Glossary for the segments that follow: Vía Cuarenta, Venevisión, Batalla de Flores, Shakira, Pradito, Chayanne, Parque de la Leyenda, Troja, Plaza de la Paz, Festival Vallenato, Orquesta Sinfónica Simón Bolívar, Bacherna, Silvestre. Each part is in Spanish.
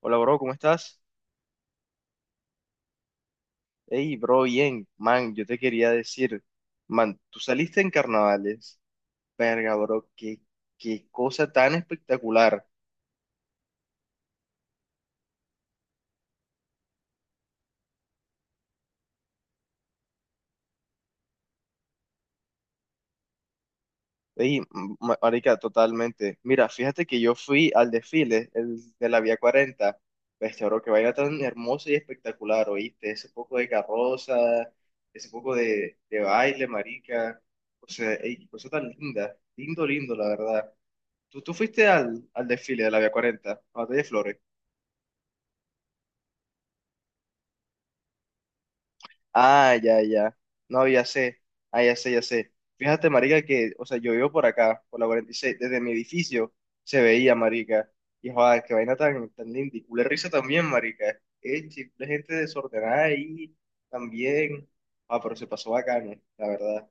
Hola, bro, ¿cómo estás? Hey, bro, bien. Man, yo te quería decir, man, tú saliste en carnavales. Verga, bro, qué cosa tan espectacular. Hey, marica, totalmente. Mira, fíjate que yo fui al desfile, el de la Vía Cuarenta. Bestia, bro, que vaina tan hermosa y espectacular, ¿oíste? Ese poco de carroza, ese poco de baile, marica. O sea, ey, qué cosa tan linda. Lindo, lindo, la verdad. ¿Tú fuiste al desfile de la Vía Cuarenta, a la Batalla de Flores? Ah, ya, ya. No, ya sé. Ah, ya sé, ya sé. Fíjate, marica, que, o sea, yo vivo por acá, por la 46, desde mi edificio se veía, marica. Y joder, qué vaina tan linda. Y culé risa también, marica. La gente desordenada ahí también. Ah, pero se pasó bacano, la verdad.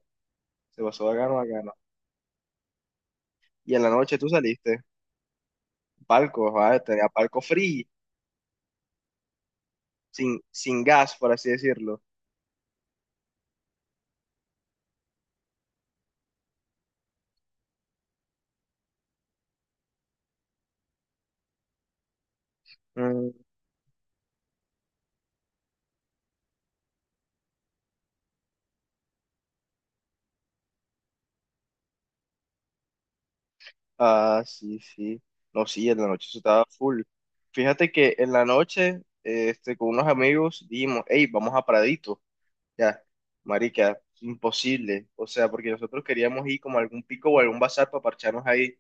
Se pasó bacano, bacano. Y en la noche tú saliste. Palco, joder, tenía palco free, sin gas, por así decirlo. Ah, sí, sí. No, sí, en la noche eso estaba full. Fíjate que en la noche, con unos amigos dijimos, hey, vamos a Pradito. Ya, marica, imposible. O sea, porque nosotros queríamos ir como a algún pico o a algún bazar para parcharnos ahí.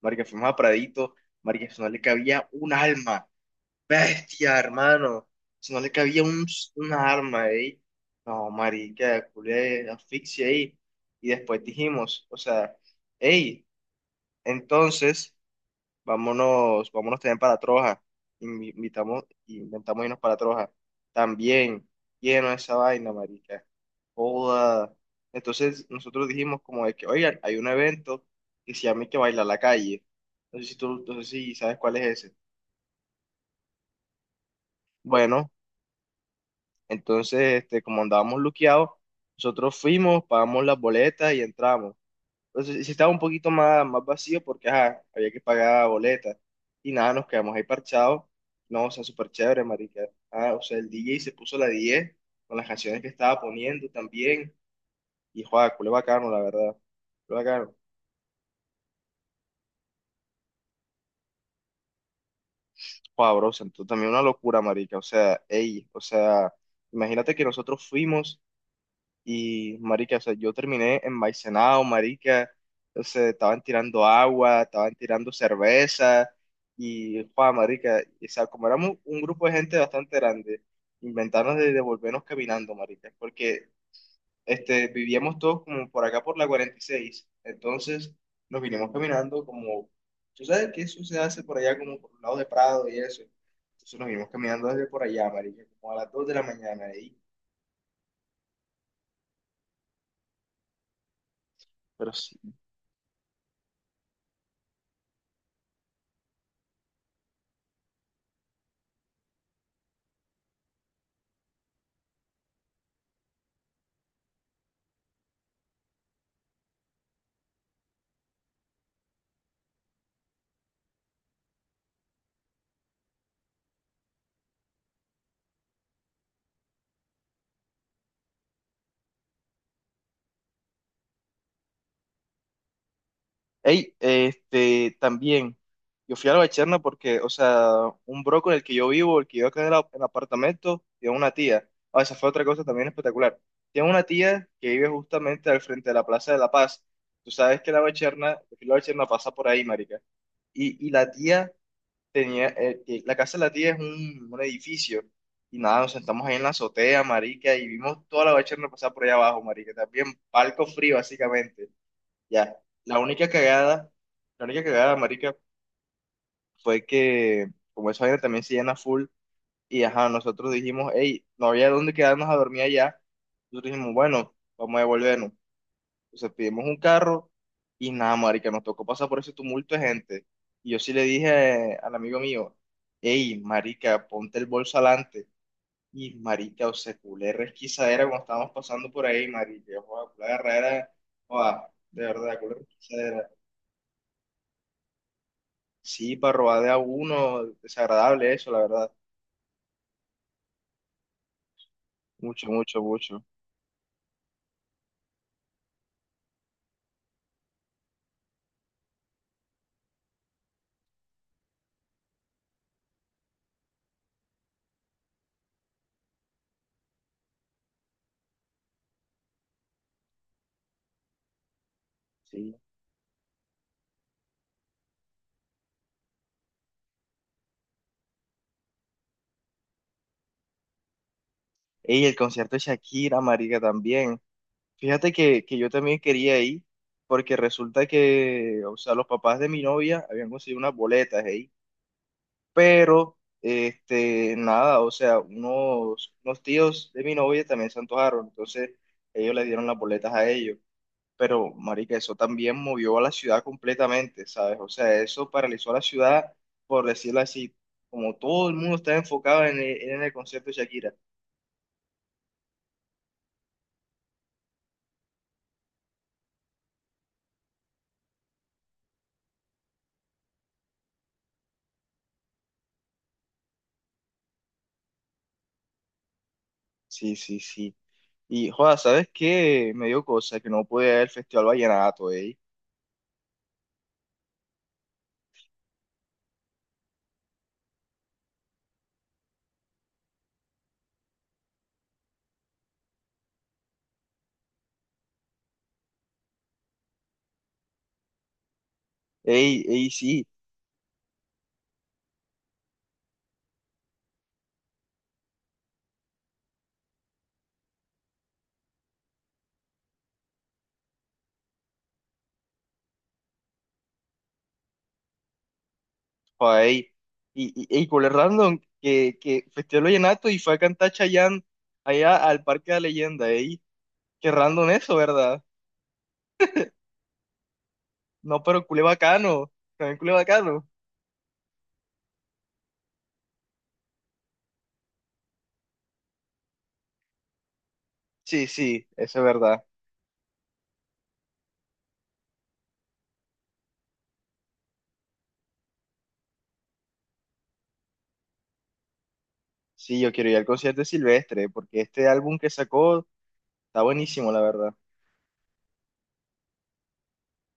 Marica, fuimos a Pradito. Marica, eso no le cabía un alma. Bestia, hermano. Si no le cabía un arma ahí. No, marica, culé, asfixia ahí. Y después dijimos, o sea, hey, entonces... Vámonos, vámonos también para Troja. Invitamos, inventamos irnos para Troja. También, lleno de esa vaina, marica. Joda. Entonces nosotros dijimos como de que, oigan, hay un evento que se llama y que baila la calle. No sé si tú, no sé si sabes cuál es ese. Bueno, entonces, como andábamos luqueados, nosotros fuimos, pagamos las boletas y entramos. Entonces, sí estaba un poquito más vacío porque ajá, había que pagar boleta. Y nada, nos quedamos ahí parchados. No, o sea, súper chévere, marica. Ah, o sea, el DJ se puso la 10 con las canciones que estaba poniendo también. Y joder, culé bacano, la verdad. Culé bacano. Joder, bro, se entró también una locura, marica. O sea, ey, o sea, imagínate que nosotros fuimos. Y, marica, o sea, yo terminé envaicenado, marica. O sea, estaban tirando agua, estaban tirando cerveza. Y, pa, marica, o sea, como éramos un grupo de gente bastante grande, inventaron de devolvernos caminando, marica. Porque, este, vivíamos todos como por acá por la 46. Entonces, nos vinimos caminando como... ¿Tú sabes que eso se hace por allá como por el lado de Prado y eso? Entonces nos vinimos caminando desde por allá, marica, como a las 2 de la mañana ahí. Pero sí, también, yo fui a la Bacherna porque, o sea, un bro con el que yo vivo, el que yo acá en el apartamento, tiene una tía. Ah, esa fue otra cosa también espectacular. Tiene una tía que vive justamente al frente de la Plaza de la Paz. Tú sabes que la Bacherna pasa por ahí, marica. Y la tía tenía, la casa de la tía es un edificio. Y nada, nos sentamos ahí en la azotea, marica, y vimos toda la Bacherna pasar por allá abajo, marica. También palco frío, básicamente. Ya, la única cagada, la única cagada, marica, fue que como esa vaina también se llena full y ajá, nosotros dijimos, hey, no había dónde quedarnos a dormir allá, nosotros dijimos, bueno, vamos a devolvernos. Entonces pedimos un carro y nada, marica, nos tocó pasar por ese tumulto de gente. Y yo sí le dije al amigo mío, hey, marica, ponte el bolso adelante. Y marica, o sea, culé resquisadera cuando estábamos pasando por ahí, marica, joda, culé agarradera, joda, de verdad, culé resquisadera. Sí, para robar de a uno, desagradable eso, la verdad. Mucho, mucho, mucho. Sí. Y el concierto de Shakira, marica, también. Fíjate que yo también quería ir, porque resulta que, o sea, los papás de mi novia habían conseguido unas boletas ahí. Pero, este, nada, o sea, unos tíos de mi novia también se antojaron, entonces ellos le dieron las boletas a ellos. Pero marica, eso también movió a la ciudad completamente, ¿sabes? O sea, eso paralizó a la ciudad, por decirlo así, como todo el mundo está enfocado en en el concierto de Shakira. Sí, sí, sí. Y, joda, ¿sabes qué? Me dio cosa que no pude ir al Festival Vallenato, ey. Ey, ey, sí, joda, ey. Y, ey, con el random, que Festival Vallenato y fue a cantar Chayanne allá al Parque de la Leyenda, ey. Qué random eso, ¿verdad? No, pero culé bacano, también culé bacano. Sí, sí, eso es verdad. Sí, yo quiero ir al concierto de Silvestre, porque este álbum que sacó está buenísimo, la verdad.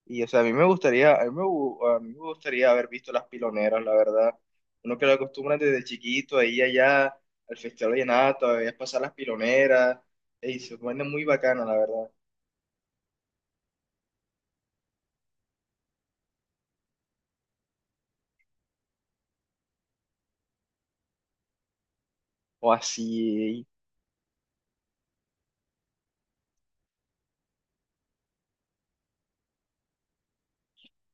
Y, o sea, a mí me gustaría, a mí me gustaría haber visto Las Piloneras, la verdad. Uno que lo acostumbra desde chiquito, ahí allá, al Festival Vallenato, a veces pasar Las Piloneras. Y se pone muy bacano, la verdad. O así.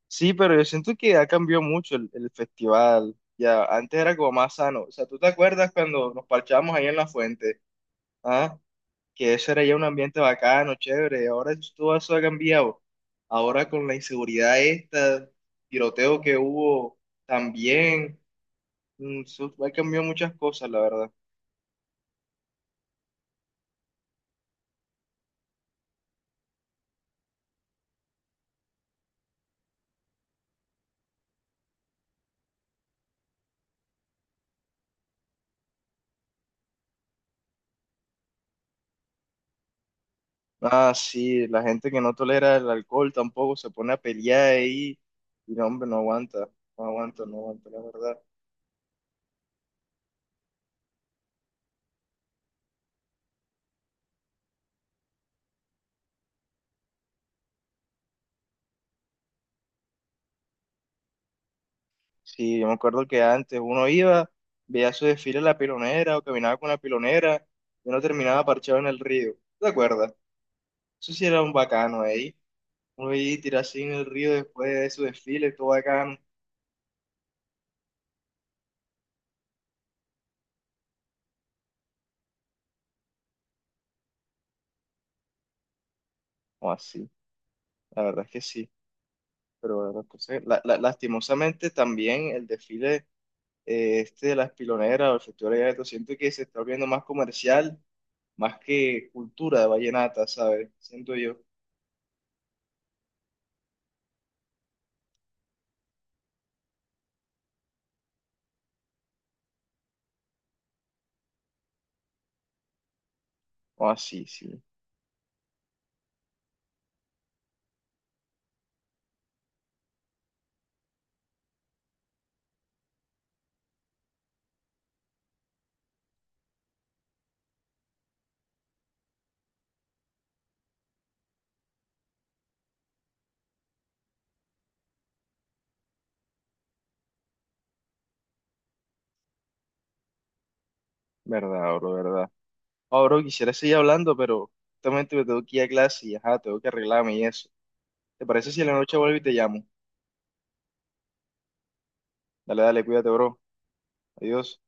Sí, pero yo siento que ha cambiado mucho el festival. Ya, antes era como más sano. O sea, ¿tú te acuerdas cuando nos parchábamos ahí en La Fuente? ¿Ah? Que eso era ya un ambiente bacano, chévere. Ahora todo eso ha cambiado. Ahora con la inseguridad esta, tiroteo que hubo también, eso ha cambiado muchas cosas, la verdad. Ah, sí, la gente que no tolera el alcohol tampoco se pone a pelear ahí y no, hombre, no aguanta, no aguanta, no aguanta, la verdad. Sí, yo me acuerdo que antes uno iba, veía su desfile en la pilonera o caminaba con la pilonera y uno terminaba parchado en el río. ¿Te acuerdas? Eso sí era un bacano ahí. Oye, tirarse en el río después de su desfile, todo bacano. O así, la verdad es que sí. Pero la cosa lastimosamente también el desfile de las piloneras o el Festival de Vallenato, siento que se está volviendo más comercial, más que cultura de vallenata, ¿sabes? Siento yo. O así, sí. Verdad, bro, verdad. Oh, bro, quisiera seguir hablando, pero justamente me tengo que ir a clase y ajá, tengo que arreglarme y eso. ¿Te parece si en la noche vuelvo y te llamo? Dale, dale, cuídate, bro. Adiós.